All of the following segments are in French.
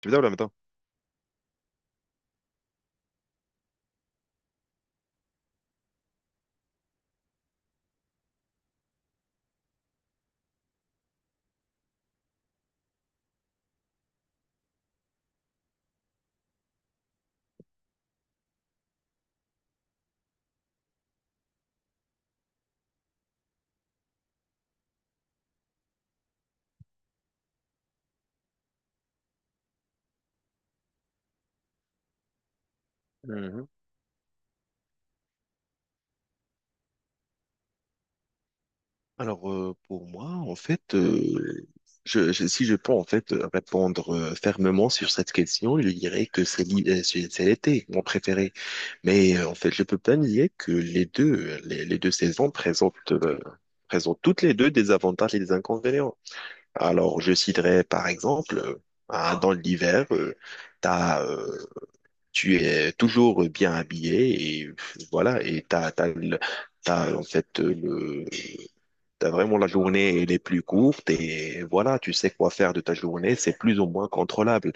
Tu veux dire ou en même. Mhm. Alors, pour moi, en fait, si je peux en fait répondre fermement sur cette question, je dirais que c'est l'été, mon préféré. Mais en fait, je peux pas nier que les deux saisons présentent toutes les deux des avantages et des inconvénients. Alors, je citerai par exemple, ah, dans l'hiver, t'as, euh, tu es toujours bien habillé et pff, voilà, et t'as, t'as, le- t'as en fait le T'as vraiment la journée, elle est plus courte et voilà, tu sais quoi faire de ta journée, c'est plus ou moins contrôlable.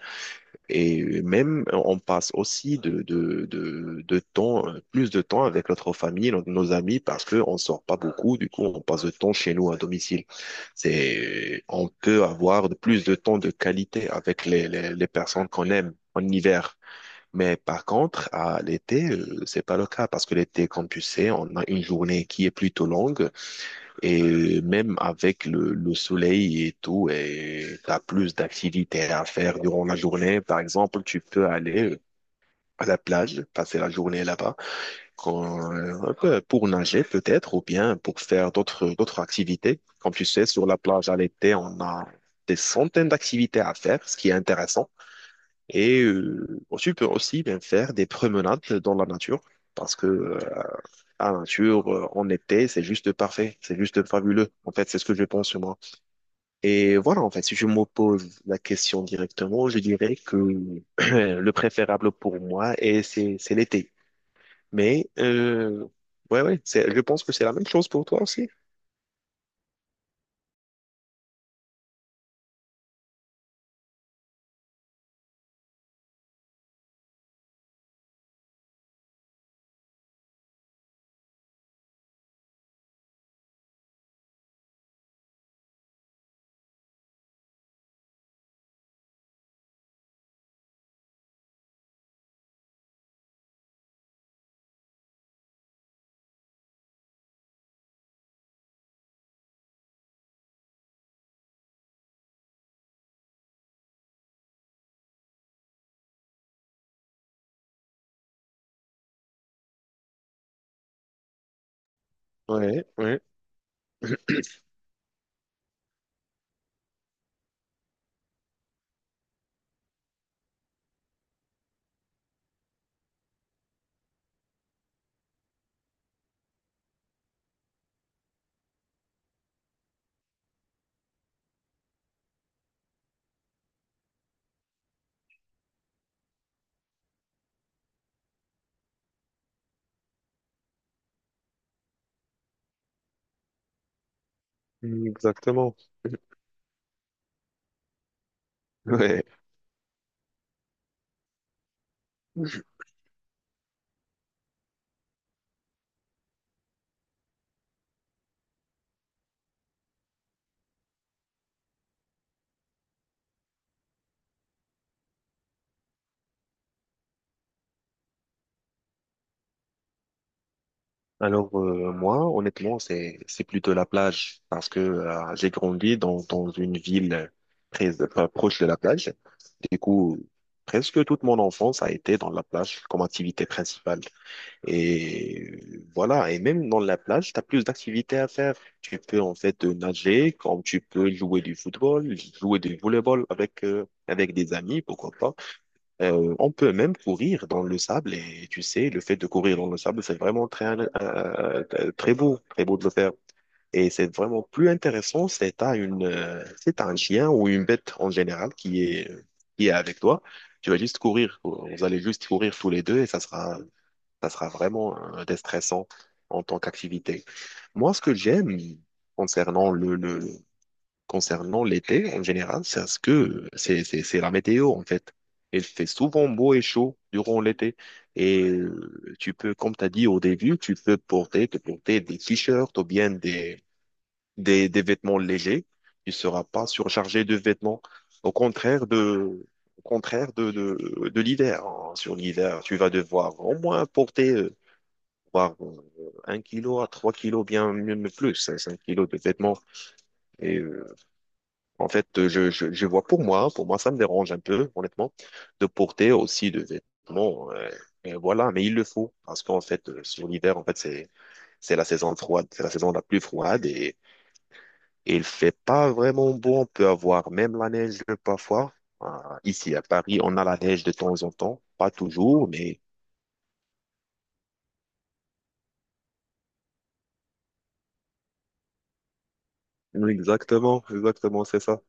Et même, on passe aussi plus de temps avec notre famille, nos nos amis, parce qu'on sort pas beaucoup, du coup, on passe de temps chez nous à domicile. C'est, on peut avoir plus de temps de qualité avec les personnes qu'on aime en hiver. Mais par contre, à l'été, c'est pas le cas parce que l'été, comme tu sais, on a une journée qui est plutôt longue. Et même avec le soleil et tout, et t'as plus d'activités à faire durant la journée. Par exemple, tu peux aller à la plage, passer la journée là-bas, quand- pour nager peut-être, ou bien pour faire d'autres activités. Comme tu sais, sur la plage à l'été, on a des centaines d'activités à faire, ce qui est intéressant. Et tu peux aussi bien faire des promenades dans la nature, parce que la nature en été, c'est juste parfait, c'est juste fabuleux. En fait, c'est ce que je pense moi. Et voilà, en fait, si je me pose la question directement, je dirais que le préférable pour moi, c'est l'été. Mais, ouais, ouais, c'est- je pense que c'est la même chose pour toi aussi. Ouais, ouais, exactement. Ouais. Alors moi, honnêtement, c'est plutôt la plage parce que j'ai grandi dans une ville très enfin, proche de la plage. Du coup, presque toute mon enfance a été dans la plage comme activité principale. Et voilà, et même dans la plage, tu as plus d'activités à faire. Tu peux en fait nager, comme tu peux jouer du football, jouer du volleyball avec avec des amis, pourquoi pas. On peut même courir dans le sable et tu sais, le fait de courir dans le sable, c'est vraiment très beau de le faire. Et c'est vraiment plus intéressant, c'est à un chien ou une bête en général qui est avec toi. Tu vas juste courir, vous allez juste courir tous les deux et ça sera vraiment déstressant en tant qu'activité. Moi, ce que j'aime concernant l'été, en général, c'est à ce que c'est la météo en fait. Il fait souvent beau et chaud durant l'été. Et tu peux, comme tu as dit au début, tu peux porter, te porter des t-shirts ou bien des vêtements légers. Tu ne seras pas surchargé de vêtements. Au contraire de, au contraire de l'hiver, hein. Sur l'hiver, tu vas devoir au moins porter voire, un kilo à trois kilos, bien mieux, mais plus, hein, cinq kilos de vêtements. Et en fait, je vois pour moi, ça me dérange un peu, honnêtement, de porter aussi de vêtements, et voilà, mais il le faut. Parce qu'en fait, sur l'hiver, en fait, c'est la saison froide, c'est la saison la plus froide et il fait pas vraiment beau. On peut avoir même la neige parfois. Euh, ici à Paris, on a la neige de temps en temps. Pas toujours, mais oui, exactement, exactement, c'est ça.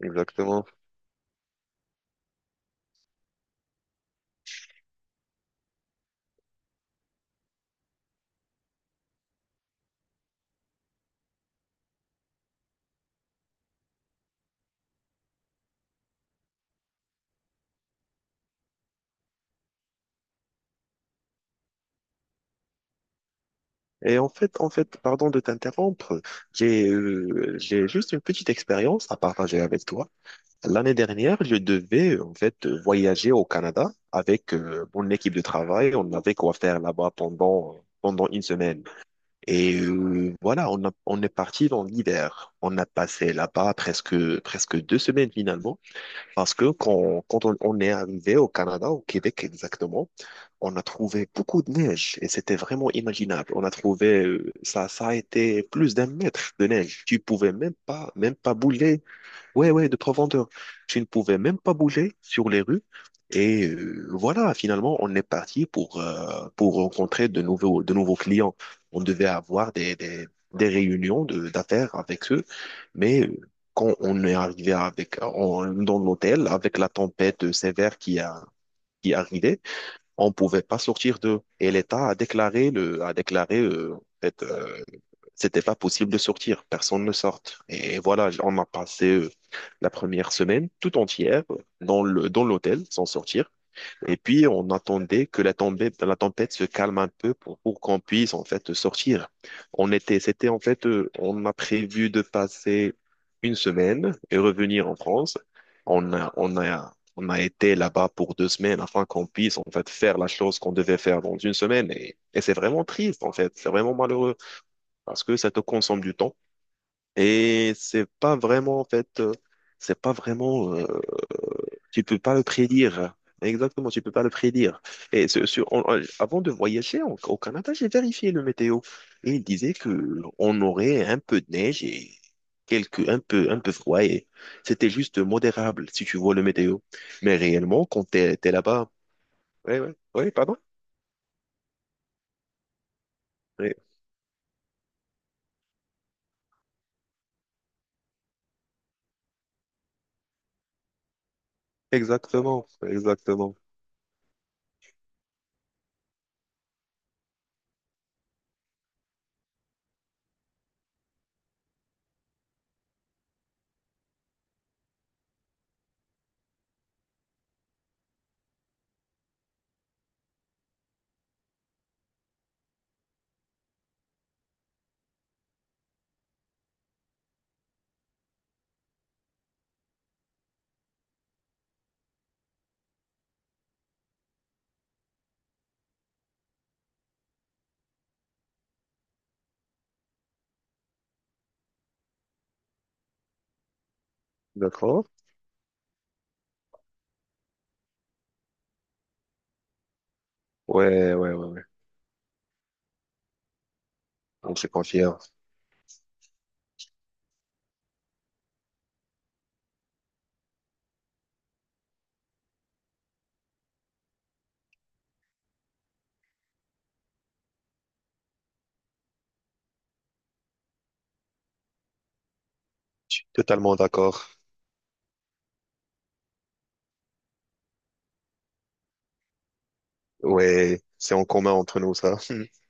Exactement. Et en fait, pardon de t'interrompre, j'ai juste une petite expérience à partager avec toi. L'année dernière, je devais en fait voyager au Canada avec mon équipe de travail. On avait quoi faire là-bas pendant une semaine. Et voilà, on est parti dans l'hiver. On a passé là-bas presque deux semaines finalement, parce que on est arrivé au Canada, au Québec exactement, on a trouvé beaucoup de neige et c'était vraiment imaginable. On a trouvé ça a été plus d'un mètre de neige. Tu pouvais même pas bouger. Ouais, ouais, de profondeur. Je ne pouvais même pas bouger sur les rues. Et voilà, finalement, on est parti pour rencontrer de nouveaux clients. On devait avoir des réunions d'affaires avec eux. Mais quand on est arrivé avec, dans l'hôtel, avec la tempête sévère qui a, qui arrivait, on pouvait pas sortir d'eux. Et l'État a déclaré, le, a déclaré en fait, c'était pas possible de sortir, personne ne sorte. Et voilà, on a passé la première semaine tout entière dans dans l'hôtel sans sortir. Et puis on attendait que la tempête se calme un peu pour qu'on puisse en fait sortir. On était, c'était en fait, on a prévu de passer une semaine et revenir en France. On a été là-bas pour deux semaines afin qu'on puisse en fait faire la chose qu'on devait faire dans une semaine. Et c'est vraiment triste en fait, c'est vraiment malheureux parce que ça te consomme du temps et c'est pas vraiment en fait c'est pas vraiment tu peux pas le prédire exactement, tu peux pas le prédire. Et avant de voyager au Canada, j'ai vérifié le météo et il disait que on aurait un peu de neige et quelques un peu froid et c'était juste modérable si tu vois le météo, mais réellement quand t'es là-bas. Ouais, ouais, ouais, pardon. Ouais, exactement, exactement. D'accord. Ouais, ouais, ouais, ouais. On se confie. Totalement d'accord. Ouais, c'est en commun entre nous, ça.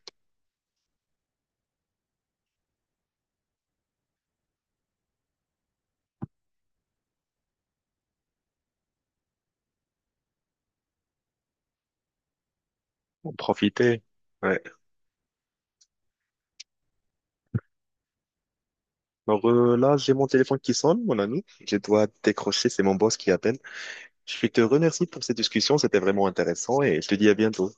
En profiter. Ouais. Alors là, j'ai mon téléphone qui sonne, mon ami. Je dois décrocher, c'est mon boss qui appelle. Je te remercie pour cette discussion, c'était vraiment intéressant et je te dis à bientôt.